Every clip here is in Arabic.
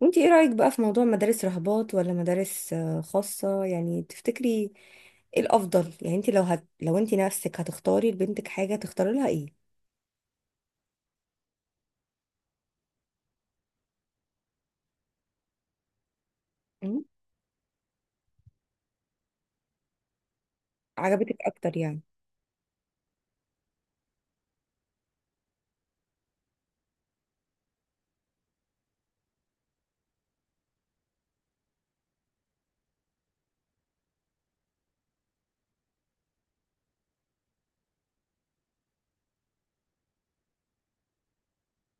وانتي ايه رأيك بقى في موضوع مدارس رهبات ولا مدارس خاصة يعني تفتكري ايه الافضل؟ يعني انتي لو انتي نفسك هتختاري لبنتك حاجة تختاري لها ايه؟ مم. عجبتك اكتر يعني؟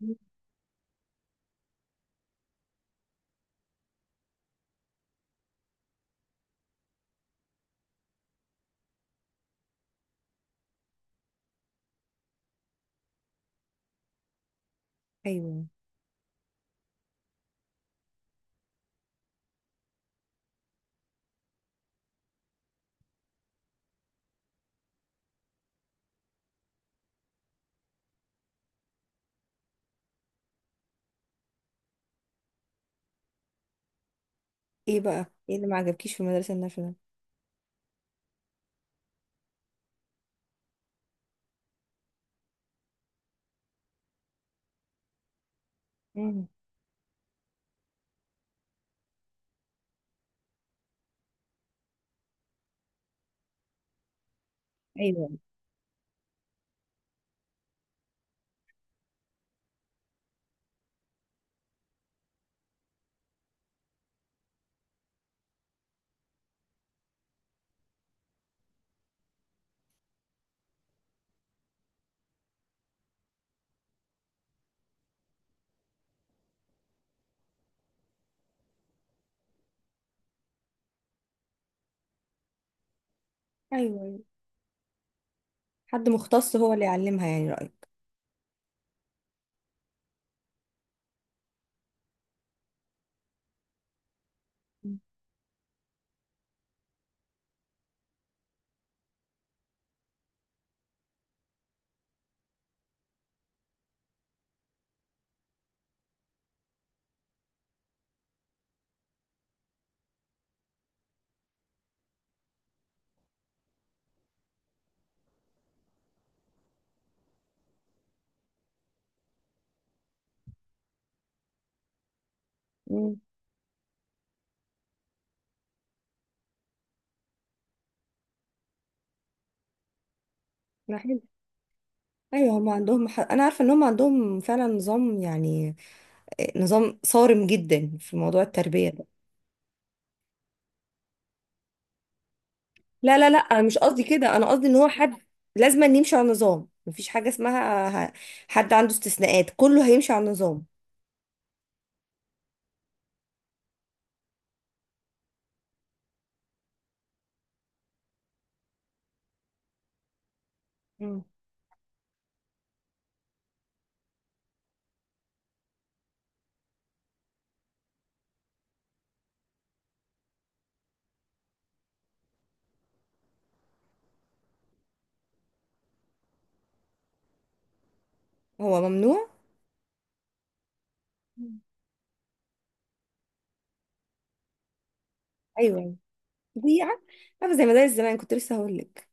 مم. ايوه. ايه اللي ما عجبكيش في المدرسة الناشونال؟ مم. ايوه. ايوه، أيوة. حد مختص هو اللي يعلمها يعني، رأيك؟ مم. امم. حلو. ايوه، هم عندهم انا عارفه ان هم عندهم فعلا نظام يعني. نظام صارم جدا في موضوع التربيه ده. لا لا لا، مش قصدي كده، انا قصدي ان هو حد لازم أن يمشي على النظام، مفيش حاجة اسمها حد عنده استثناءات، كله هيمشي على النظام. مم. هو ممنوع. مم. ايوه. دي عارفة زي مدارس زمان، كنت لسه هقول لك.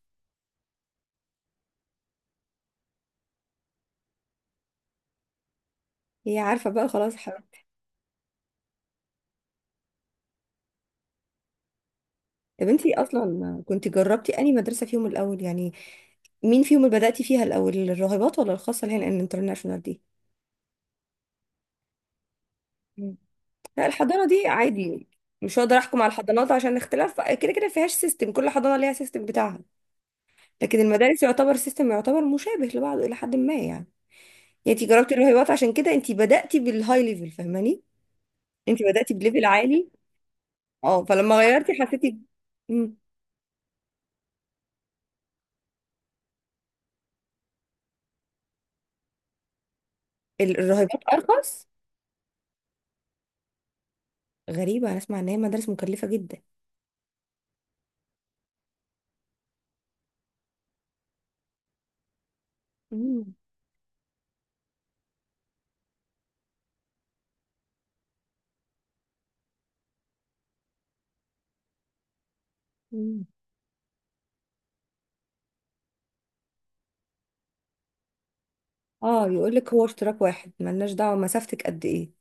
هي عارفة بقى، خلاص حرام. طب انتي اصلا كنت جربتي انهي مدرسة فيهم الاول يعني؟ مين فيهم اللي بدأتي فيها الاول، الراهبات ولا الخاصة اللي هي الانترناشونال دي؟ مم. لا، الحضانة دي عادي. مش هقدر احكم على الحضانات عشان اختلاف كده كده، فيهاش سيستم، كل حضانة ليها سيستم بتاعها. لكن المدارس يعتبر سيستم يعتبر مشابه لبعضه الى حد ما يعني. يعني انت جربتي الرهيبات، عشان كده انت بدأتي بالهاي ليفل، فاهماني؟ انت بدأتي بليفل عالي. اه، فلما غيرتي حسيتي. مم. الرهيبات ارخص؟ غريبة، انا اسمع ان هي مدارس مكلفة جدا. مم. مم. اه، يقول لك هو اشتراك واحد، ملناش دعوة مسافتك قد ايه.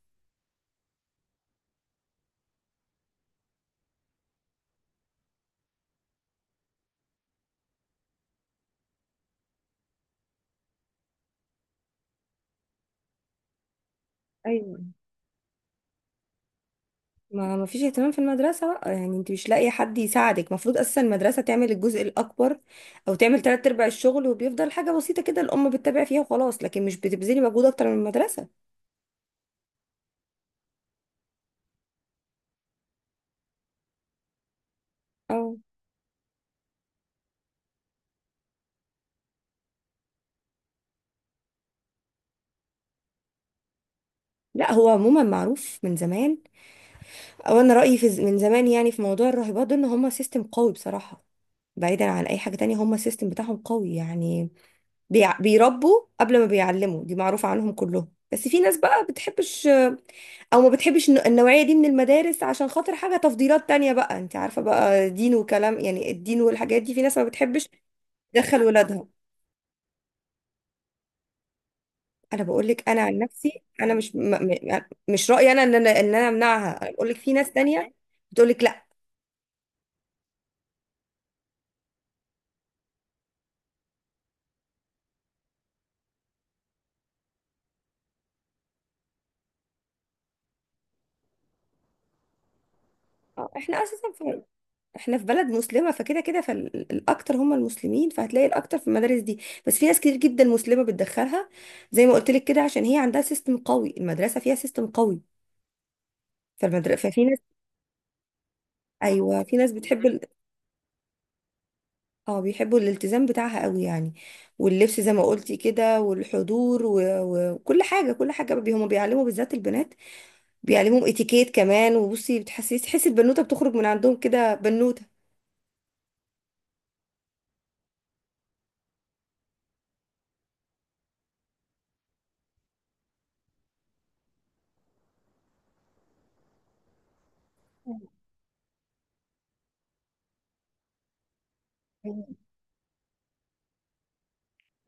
ايوه. ما فيش اهتمام في المدرسة بقى يعني، انت مش لاقي حد يساعدك، المفروض اصلا المدرسة تعمل الجزء الاكبر. او تعمل تلات ارباع الشغل، وبيفضل حاجة بسيطة كده الام بتتابع فيها وخلاص، لكن مش بتبذلي مجهود اكتر من المدرسة. او لا، هو عموما معروف من زمان. او انا رأيي في من زمان يعني في موضوع الراهبات ده ان هم سيستم قوي بصراحة. بعيدا عن اي حاجة تانية، هم السيستم بتاعهم قوي يعني. بيربوا قبل ما بيعلموا، دي معروفة عنهم كلهم، بس في ناس بقى بتحبش. او ما بتحبش النوعية دي من المدارس عشان خاطر حاجة، تفضيلات تانية بقى، انت عارفة بقى، دين وكلام، يعني الدين والحاجات دي في ناس ما بتحبش تدخل ولادها. انا بقول لك انا عن نفسي، انا مش يعني مش رأيي انا ان انا امنعها، انا بقول لك في ناس تانية بتقول لك لا. آه، احنا اساسا في... احنا في بلد مسلمة فكده كده، فالاكتر هم المسلمين، فهتلاقي الاكتر في المدارس دي. بس في ناس كتير جدا مسلمة بتدخلها. زي ما قلت لك كده، عشان هي عندها سيستم قوي، المدرسة فيها سيستم قوي. فالمدرسة ففي ناس. ايوه، في ناس بتحب. اه، بيحبوا الالتزام بتاعها قوي يعني. واللبس زي ما قلتي كده والحضور وكل حاجه كل حاجه، هما بيعلموا بالذات البنات. بيعلموهم اتيكيت كمان، وبصي بتحسي، البنوته بتخرج من عندهم كده بنوته.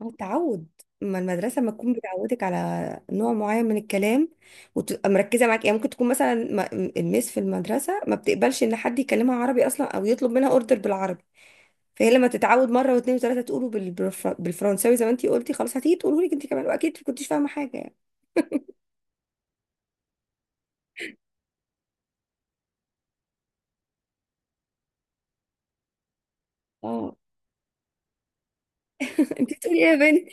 هو تعود. ما المدرسه ما تكون بتعودك على نوع معين من الكلام، وتبقى مركزه معاك، يعني ممكن تكون مثلا الميس في المدرسه ما بتقبلش ان حد يكلمها عربي اصلا او يطلب منها اوردر بالعربي. فهي لما تتعود مره واثنين وثلاثه تقولوا بالفرنساوي زي ما انتي قلتي، خلاص هتيجي تقولوا لك انت كمان، واكيد ما كنتيش فاهمه حاجه يعني. اه. انت بتقولي ايه يا بنت؟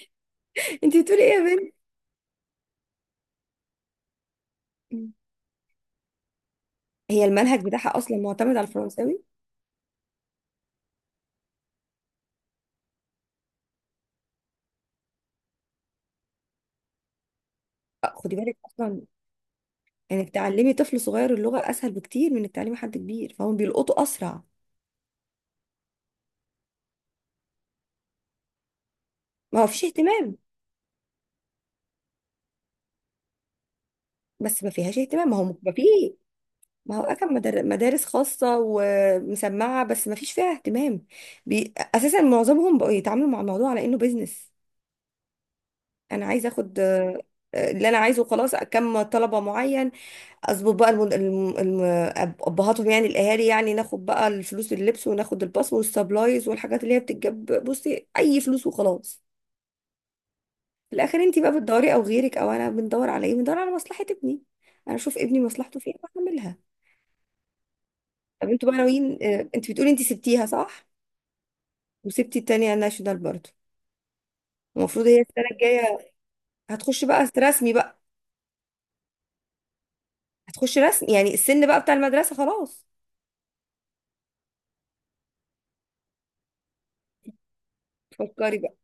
انت بتقولي ايه يا بنت؟ هي المنهج بتاعها اصلا معتمد على الفرنساوي. خدي بالك اصلا انك تعلمي طفل صغير اللغه اسهل بكتير من انك تعلمي حد كبير، فهم بيلقطوا اسرع. ما هو فيش اهتمام. بس ما فيهاش اهتمام، ما هو ما فيه. ما هو اكم مدارس خاصه ومسمعه، بس ما فيش فيها اهتمام. اساسا معظمهم بقوا يتعاملوا مع الموضوع على انه بيزنس. انا عايزه اخد اللي انا عايزه خلاص كم طلبه معين. اظبط بقى ابهاتهم يعني الاهالي، يعني ناخد بقى الفلوس، اللبس، وناخد الباص والسبلايز والحاجات اللي هي بتتجاب، بصي اي فلوس، وخلاص. في الاخر انت بقى بتدوري او غيرك او انا بندور على ايه؟ بندور على مصلحه ابني. انا اشوف ابني مصلحته فين بعملها. طب انتوا بقى ناويين، انت بتقولي انت سبتيها صح؟ وسبتي التانية ناشونال برضه. المفروض هي السنه الجايه هتخش بقى رسمي بقى؟ هتخش رسمي يعني، السن بقى بتاع المدرسه خلاص. فكري بقى.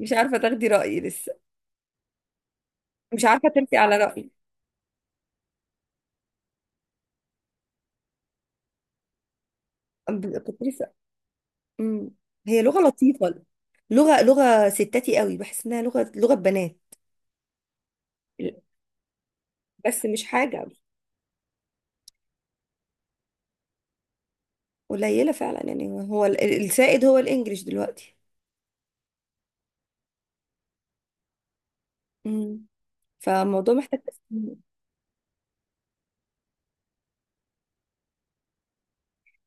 مش عارفة تاخدي رأيي لسه. مش عارفة تلفي على رأيي. كنت لسه. أم. هي لغة لطيفة. لغة ستاتي قوي، بحس انها لغة بنات. بس مش حاجة. قليلة فعلا يعني، هو السائد هو الانجليش دلوقتي. أم. فالموضوع محتاج تفكير.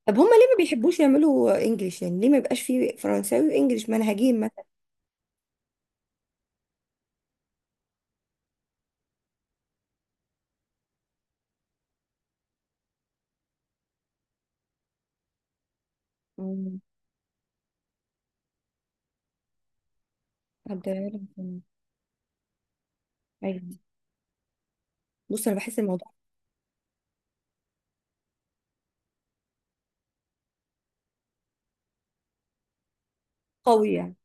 طب هما ليه ما بيحبوش يعملوا انجليش؟ يعني ليه ما يبقاش فيه فرنساوي وانجليش منهجين مثلا؟ أم. هبدأ أعرف. أيوة. بص، انا بحس الموضوع قوي يعني.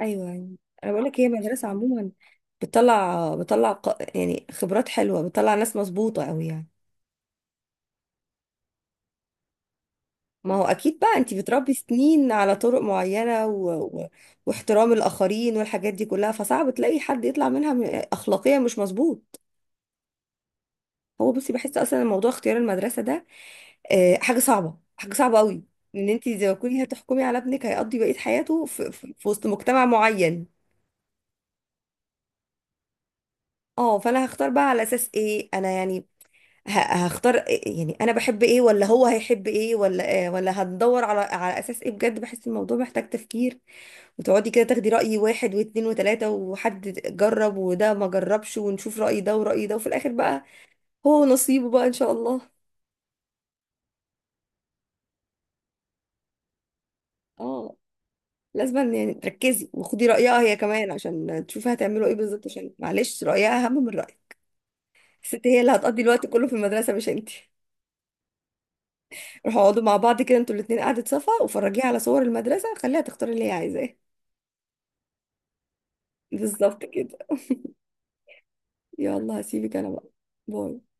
ايوه يعني. انا بقول لك هي مدرسه عموما بتطلع يعني خبرات حلوه، بتطلع ناس مظبوطه قوي يعني. ما هو اكيد بقى، انت بتربي سنين على طرق معينه واحترام الاخرين والحاجات دي كلها، فصعب تلاقي حد يطلع منها اخلاقيا مش مظبوط. هو بصي، بحس اصلا الموضوع اختيار المدرسه ده حاجه صعبه حاجه صعبه قوي. ان انت زي ما تكوني هتحكمي على ابنك، هيقضي بقيه حياته في وسط مجتمع معين. اه، فانا هختار بقى على اساس ايه انا يعني؟ هختار يعني انا بحب ايه ولا هو هيحب ايه ولا إيه؟ ولا هندور على اساس ايه؟ بجد بحس الموضوع محتاج تفكير، وتقعدي كده تاخدي رأي واحد واتنين وتلاتة، وحد جرب وده ما جربش، ونشوف رأي ده ورأي ده، وفي الاخر بقى هو نصيبه بقى ان شاء الله. اه، لازم يعني تركزي وخدي رأيها هي كمان، عشان تشوفي هتعملوا ايه بالظبط، عشان معلش رأيها اهم من رأيك. الست هي اللي هتقضي الوقت كله في المدرسة مش انتي. روحوا اقعدوا مع بعض كده انتوا الاتنين قعدة صفا، وفرجيها على صور المدرسة، خليها تختار اللي هي عايزاه. بالظبط كده. يلا هسيبك انا بقى. باي.